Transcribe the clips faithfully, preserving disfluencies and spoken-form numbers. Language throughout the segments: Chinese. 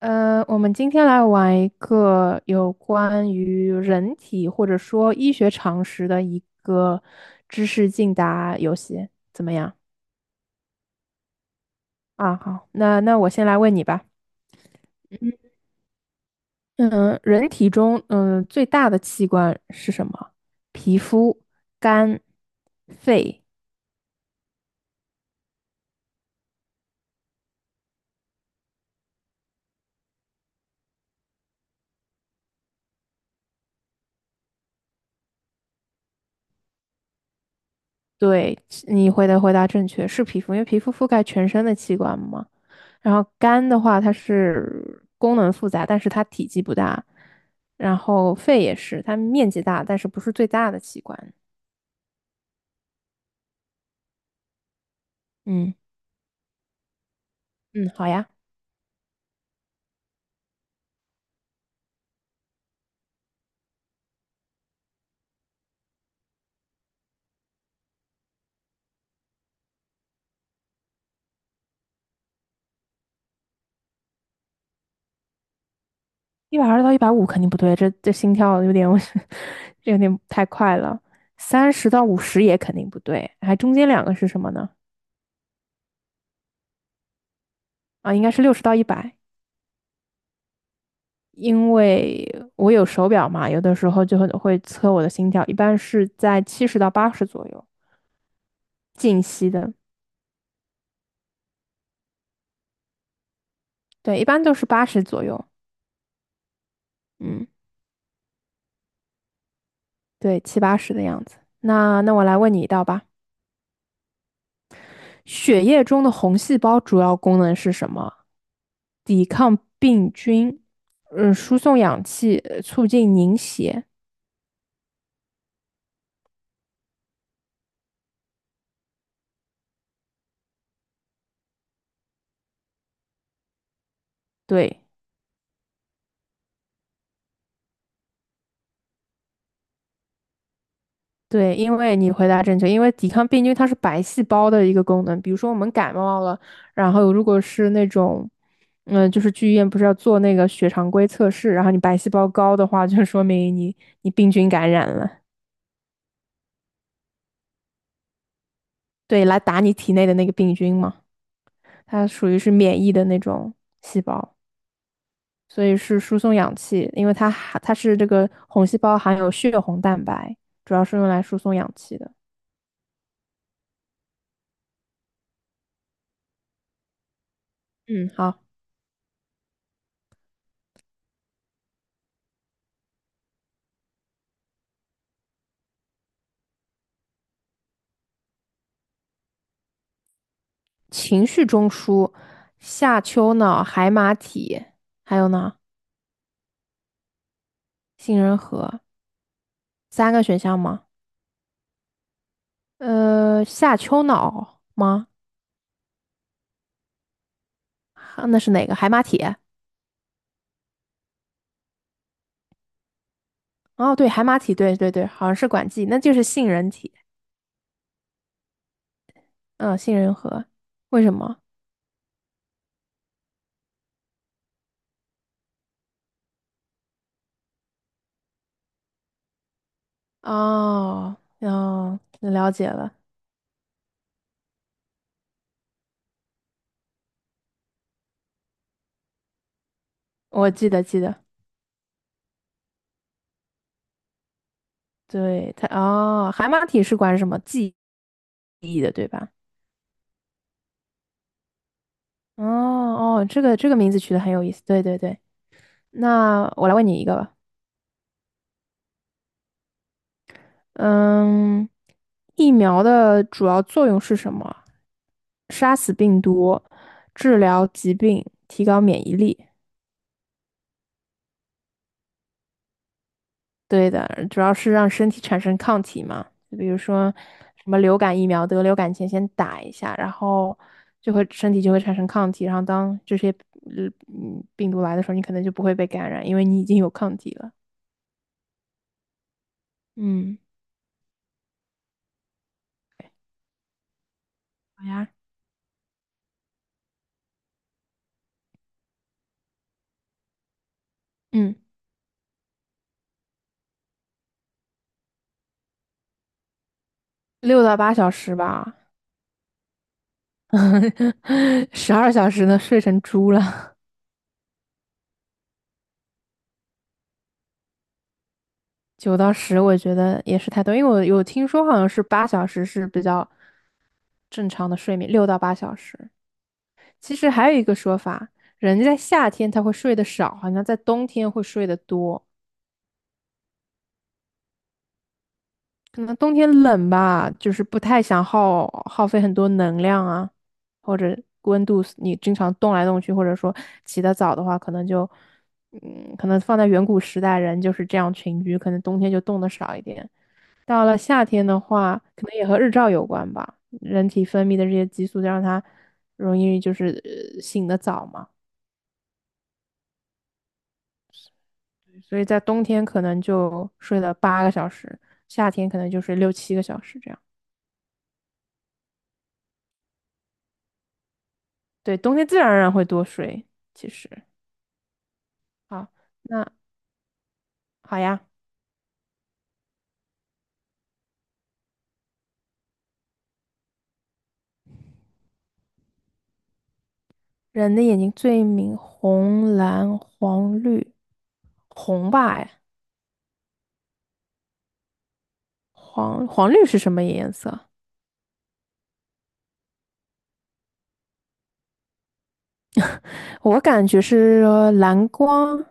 呃，我们今天来玩一个有关于人体或者说医学常识的一个知识竞答游戏，怎么样？啊，好，那那我先来问你吧。嗯，人体中嗯最大的器官是什么？皮肤、肝、肺。对，你回答回答正确，是皮肤，因为皮肤覆盖全身的器官嘛。然后肝的话，它是功能复杂，但是它体积不大。然后肺也是，它面积大，但是不是最大的器官。嗯嗯，好呀，一百二到一百五肯定不对，这这心跳有点，我这有点太快了。三十到五十也肯定不对，还中间两个是什么呢？啊，应该是六十到一百。因为我有手表嘛，有的时候就会会测我的心跳，一般是在七十到八十左右，静息的，对，一般都是八十左右，嗯，对，七八十的样子。那那我来问你一道吧，血液中的红细胞主要功能是什么？抵抗病菌，嗯，输送氧气，呃促进凝血，对，对，因为你回答正确，因为抵抗病菌它是白细胞的一个功能。比如说我们感冒了，然后如果是那种，嗯，就是去医院不是要做那个血常规测试，然后你白细胞高的话，就说明你你病菌感染了，对，来打你体内的那个病菌嘛，它属于是免疫的那种细胞，所以是输送氧气，因为它含它是这个红细胞含有血红蛋白，主要是用来输送氧气的。嗯，好。情绪中枢、下丘脑、海马体，还有呢，杏仁核，三个选项吗？呃，下丘脑吗？啊那是哪个？海马体？哦，对，海马体，对对对，好像是管记，那就是杏仁体，嗯，杏仁核，为什么？哦，哦，了解了，我记得记得，对它，哦，海马体是管什么记忆的，对吧？哦哦，这个这个名字取得很有意思，对对对。那我来问你一个吧，嗯，疫苗的主要作用是什么？杀死病毒，治疗疾病，提高免疫力。对的，主要是让身体产生抗体嘛。就比如说什么流感疫苗，得流感前先打一下，然后就会身体就会产生抗体，然后当这些嗯嗯病毒来的时候，你可能就不会被感染，因为你已经有抗体了。嗯，好呀，嗯，六到八小时吧，十二小时呢，睡成猪了。九到十，我觉得也是太多，因为我有听说好像是八小时是比较正常的睡眠，六到八小时。其实还有一个说法，人在夏天他会睡得少，好像在冬天会睡得多。可能冬天冷吧，就是不太想耗耗费很多能量啊，或者温度你经常动来动去，或者说起得早的话，可能就嗯，可能放在远古时代人就是这样群居，可能冬天就动得少一点。到了夏天的话，可能也和日照有关吧，人体分泌的这些激素让它容易就是呃醒得早嘛，所以在冬天可能就睡了八个小时，夏天可能就睡六七个小时这样。对，冬天自然而然会多睡，其实。好，那好呀。人的眼睛最明红、蓝、黄、绿，红吧？哎，黄黄绿是什么颜色？我感觉是呃蓝光，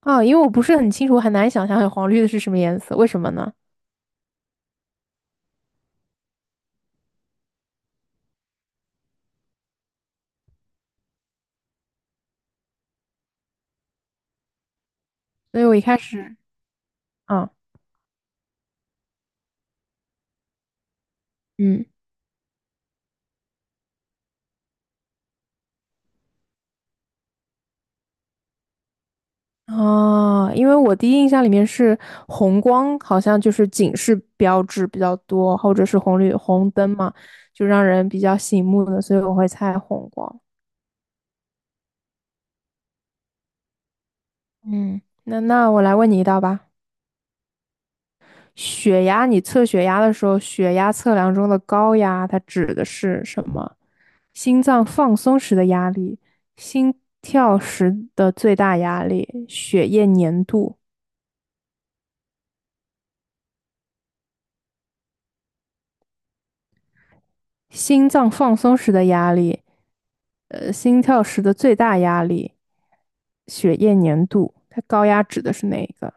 啊，因为我不是很清楚，我很难想象黄绿的是什么颜色，为什么呢？所以我一开始，啊，嗯，哦，因为我第一印象里面是红光，好像就是警示标志比较多，或者是红绿红灯嘛，就让人比较醒目的，所以我会猜红光。嗯，那那我来问你一道吧。血压，你测血压的时候，血压测量中的高压，它指的是什么？心脏放松时的压力，心跳时的最大压力，血液粘度，心脏放松时的压力，呃，心跳时的最大压力，血液粘度。它高压指的是哪一个？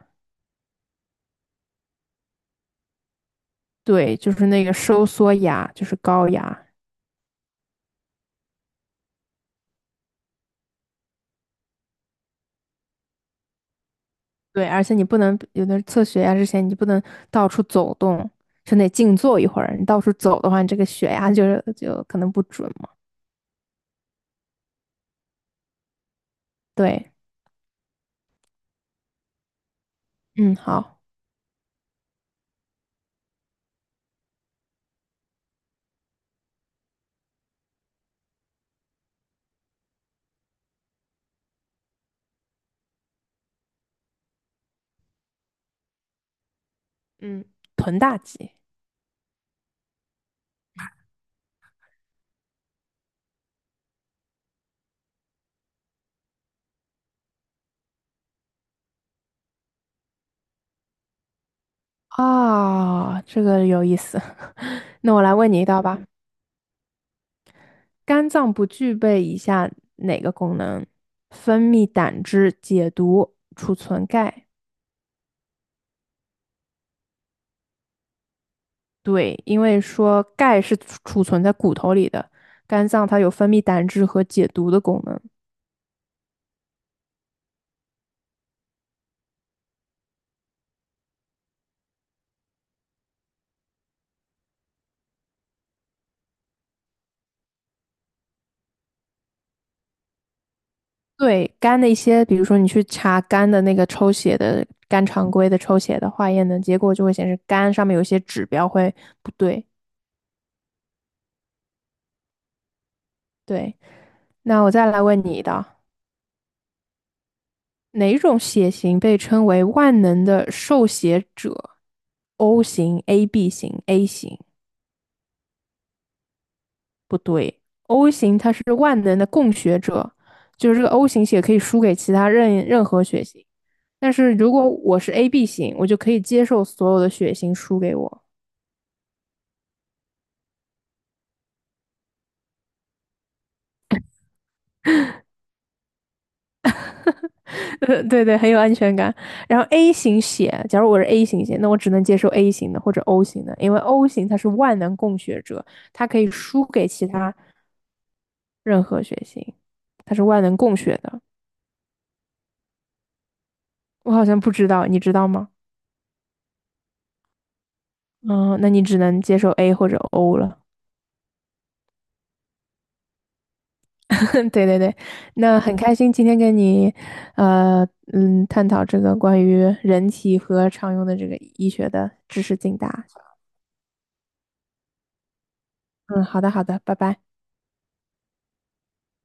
对，就是那个收缩压，就是高压。对，而且你不能有的测血压之前，你不能到处走动，就得静坐一会儿。你到处走的话，你这个血压就是就可能不准嘛。对，嗯，好，嗯，臀大肌。啊，这个有意思。那我来问你一道吧，肝脏不具备以下哪个功能？分泌胆汁、解毒、储存钙。对，因为说钙是储储存在骨头里的，肝脏它有分泌胆汁和解毒的功能。对肝的一些，比如说你去查肝的那个抽血的肝常规的抽血的化验的结果，就会显示肝上面有一些指标会不对。对，那我再来问你的，哪种血型被称为万能的受血者？O 型、A B 型、A 型不对，O 型它是万能的供血者，就是这个 O 型血可以输给其他任任何血型。但是如果我是 A B 型，我就可以接受所有的血型输给我。呃，对对，很有安全感。然后 A 型血，假如我是 A 型血，那我只能接受 A 型的或者 O 型的，因为 O 型它是万能供血者，它可以输给其他任何血型，它是万能供血的。我好像不知道，你知道吗？嗯，那你只能接受 A 或者 O 了。对对对，那很开心今天跟你，呃，嗯，探讨这个关于人体和常用的这个医学的知识竞答。嗯，好的好的，拜拜。